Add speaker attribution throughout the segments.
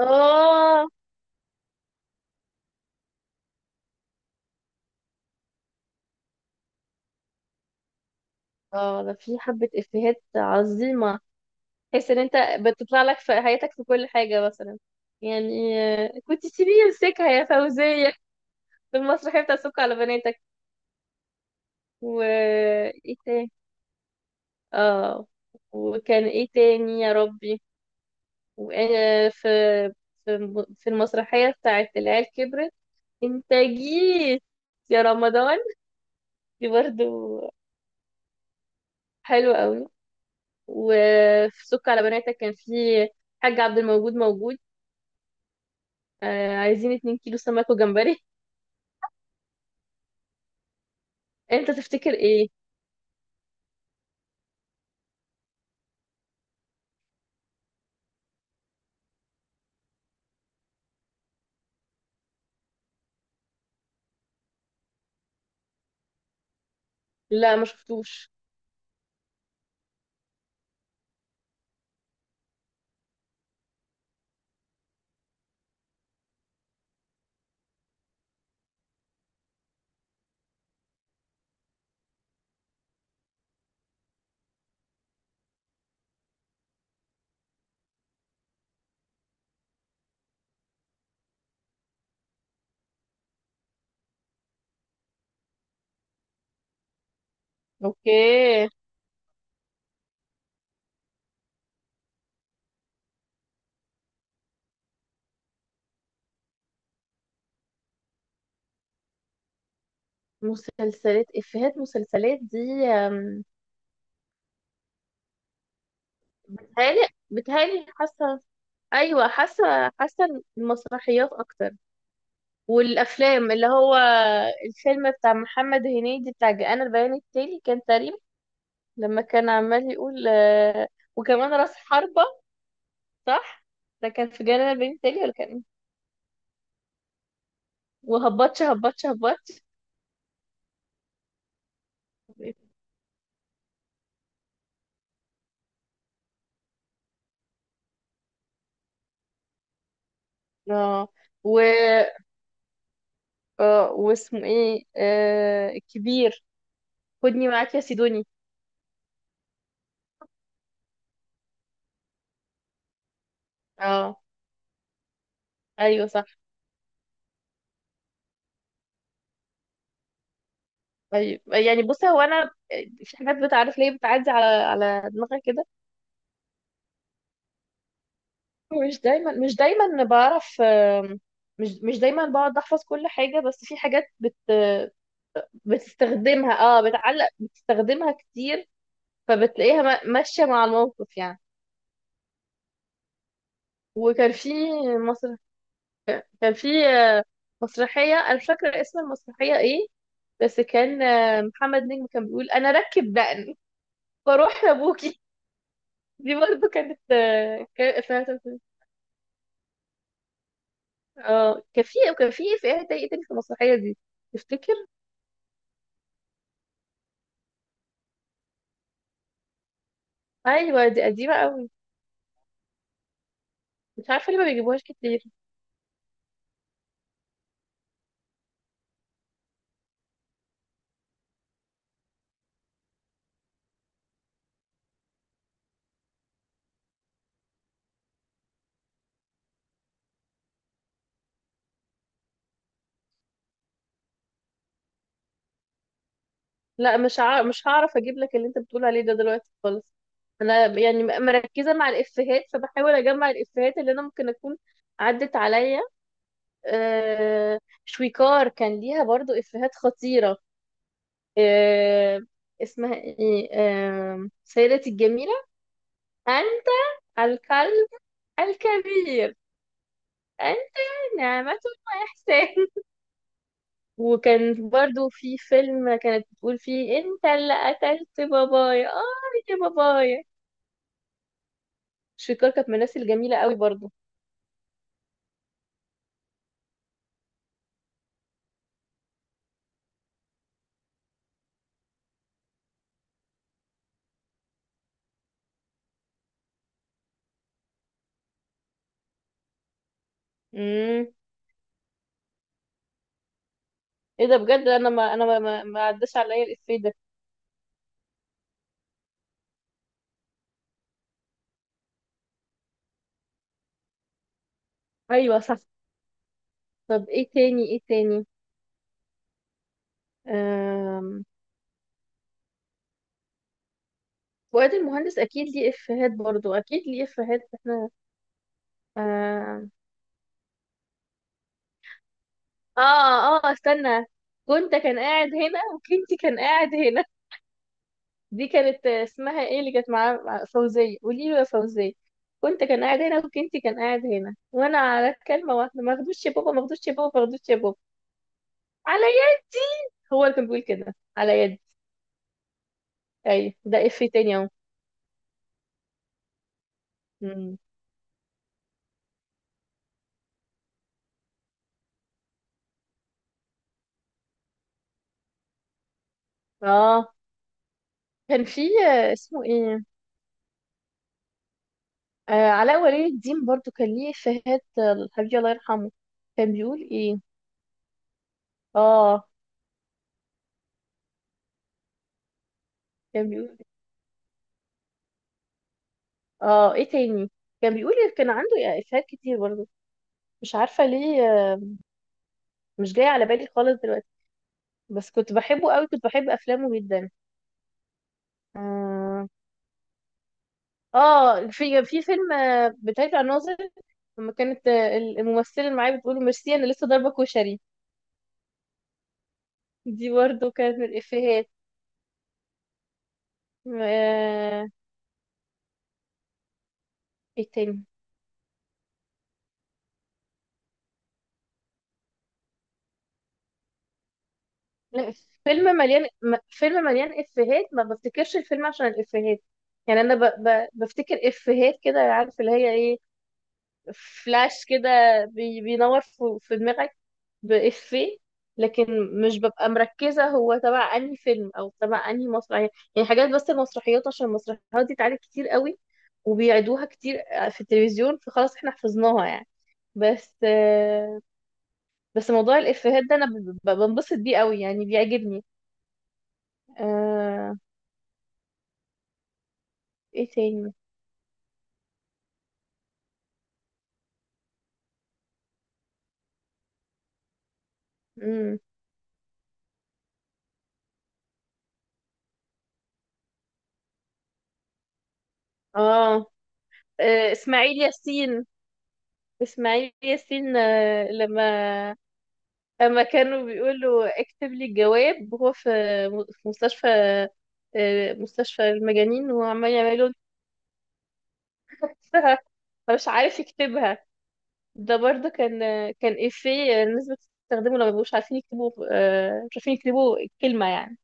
Speaker 1: اه، اه، ده في حبة افيهات عظيمة. تحس ان انت بتطلع لك في حياتك في كل حاجة مثلا. يعني كنت سيبيه يمسكها يا فوزية، في المسرحية بتاع سك على بناتك. و ايه تاني؟ اه، وكان ايه تاني يا ربي؟ وانا في في في المسرحية بتاعت العيال كبرت، انت جيت يا رمضان. دي برضو حلوة قوي. وفي سك على بناتك كان في حاج عبد الموجود، موجود. عايزين 2 كيلو سمك وجمبري. انت تفتكر ايه؟ لا، ما شفتوش. اوكي. مسلسلات، افيهات مسلسلات دي، آم، بتهيألي، حاسه. ايوه، حاسه، المسرحيات اكتر. والافلام اللي هو الفيلم بتاع محمد هنيدي بتاع جاءنا البيان التالي، كان تقريبا لما كان عمال يقول وكمان راس حربة. صح، ده كان في جاءنا البيان التالي ولا كان إيه؟ وهبطش هبطش هبطش. اه. و واسمه ايه الكبير، خدني معاك يا سيدوني. اه. ايوه صح. ايوه يعني، بص هو انا في حاجات بتعرف ليه بتعدي على دماغي كده. مش دايما مش دايما بعرف. مش دايما بقعد احفظ كل حاجه، بس في حاجات بتستخدمها. اه، بتعلق، بتستخدمها كتير. فبتلاقيها ماشيه مع الموقف يعني. وكان في كان في مسرحية، أنا مش فاكرة اسم المسرحية إيه، بس كان محمد نجم كان بيقول أنا أركب دقن وأروح لأبوكي. دي برضه كانت كان إفيهات. اه، كان في إفيهات إيه تاني في المسرحية دي تفتكر؟ أيوة، دي قديمة أوي. مش عارفة ليه ما بيجيبوهاش كتير. لا، مش هعرف أجيب لك اللي أنت بتقول عليه ده دلوقتي خالص. أنا يعني مركزة مع الإفيهات، فبحاول أجمع الإفيهات اللي أنا ممكن أكون عدت عليا. آه، شويكار كان ليها برضو إفيهات خطيرة. آه، اسمها ايه سيدتي الجميلة، أنت الكلب الكبير، أنت نعمة وإحسان. وكان برضو في فيلم كانت بتقول فيه أنت اللي قتلت بابايا، آه يا بابايا. شويكار كانت من الناس الجميلة قوي برضو. امم. ايه ده بجد، انا ما عداش عليا الإفيه ده. ايوه صح. طب ايه تاني، ايه تاني؟ فؤاد المهندس اكيد ليه افيهات، برضو اكيد ليه افيهات احنا. آه, اه، اه، استنى. كنت كان قاعد هنا وكنت كان قاعد هنا. دي كانت اسمها ايه اللي كانت معاه مع فوزية، قولي له يا فوزية. كنت كان قاعد هنا وكنت كان قاعد هنا وانا على الكلمة واحدة، ما اخدوش يا بابا، ما اخدوش يا بابا، ما اخدوش يا بابا، على يدي. هو اللي كان بيقول كده، على يدي. ايوه، ده افيه تاني اهو. مم. اه، كان في اسمه ايه علاء ولي الدين، برضو كان ليه إفيهات. الحبيب الله يرحمه، كان بيقول ايه؟ اه، كان بيقول اه، ايه تاني كان بيقول إيه؟ كان عنده إفيهات كتير برضو، مش عارفة ليه. مش جاية على بالي خالص دلوقتي، بس كنت بحبه قوي، كنت بحب أفلامه جدا. اه. في فيلم بتاع الناظر، لما كانت الممثلة اللي معايا بتقول له ميرسي أنا لسه ضاربة كشري. دي برضو كانت من الإفيهات. آه. ايه تاني؟ فيلم مليان فيلم مليان افيهات. ما بفتكرش الفيلم عشان الافيهات يعني، انا بفتكر افيهات كده، عارف اللي هي ايه؟ فلاش كده، بينور في دماغك بافيه. لكن مش ببقى مركزة هو تبع انهي فيلم او تبع انهي مسرحية يعني. حاجات بس المسرحيات عشان المسرحيات دي اتعرضت كتير قوي وبيعيدوها كتير في التلفزيون، فخلاص احنا حفظناها يعني. بس بس موضوع الافيهات ده انا بنبسط بيه قوي، يعني بيعجبني. آه، ايه تاني؟ امم. اه، اسماعيل ياسين، اسماعيل ياسين لما كانوا بيقولوا اكتب لي الجواب، وهو في مستشفى، مستشفى المجانين، وهو عمال يعمل له نفسها فمش عارف يكتبها. ده برضه كان إفيه الناس بتستخدمه لما بيبقوش عارفين يكتبوا، مش عارفين يكتبوا الكلمة يعني.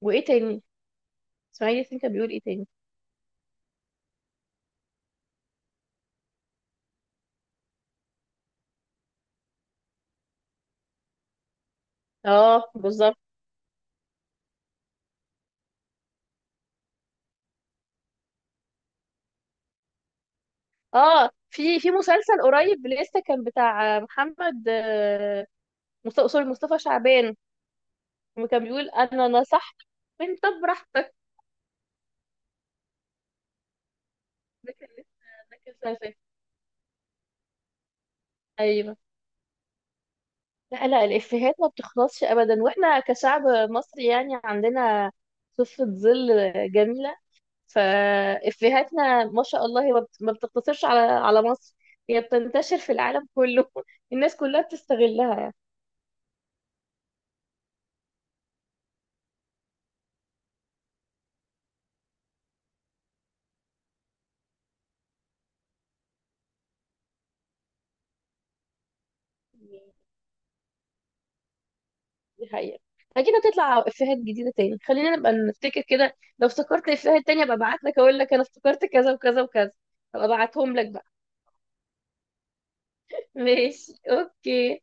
Speaker 1: وايه تاني؟ اسماعيل ياسين كان بيقول ايه تاني؟ اه بالظبط. اه، في في مسلسل قريب لسه كان بتاع محمد سوري، مصطفى شعبان، وكان بيقول انا نصحت، انت براحتك. ده كان لسه، ده كان سنة اللي فاتت. ايوه. لا لا، الافيهات ما بتخلصش ابدا، واحنا كشعب مصري يعني عندنا صفة ظل جميلة. فافيهاتنا ما شاء الله، هي ما بتقتصرش على مصر، هي بتنتشر في العالم كله. الناس كلها بتستغلها يعني. دي حقيقة. أكيد هتطلع إفيهات جديدة تاني، خلينا نبقى نفتكر كده، لو افتكرت إفيهات تانية أبقى أبعت لك، أقول لك أنا افتكرت كذا وكذا وكذا، أبقى أبعتهم لك بقى. ماشي، أوكي.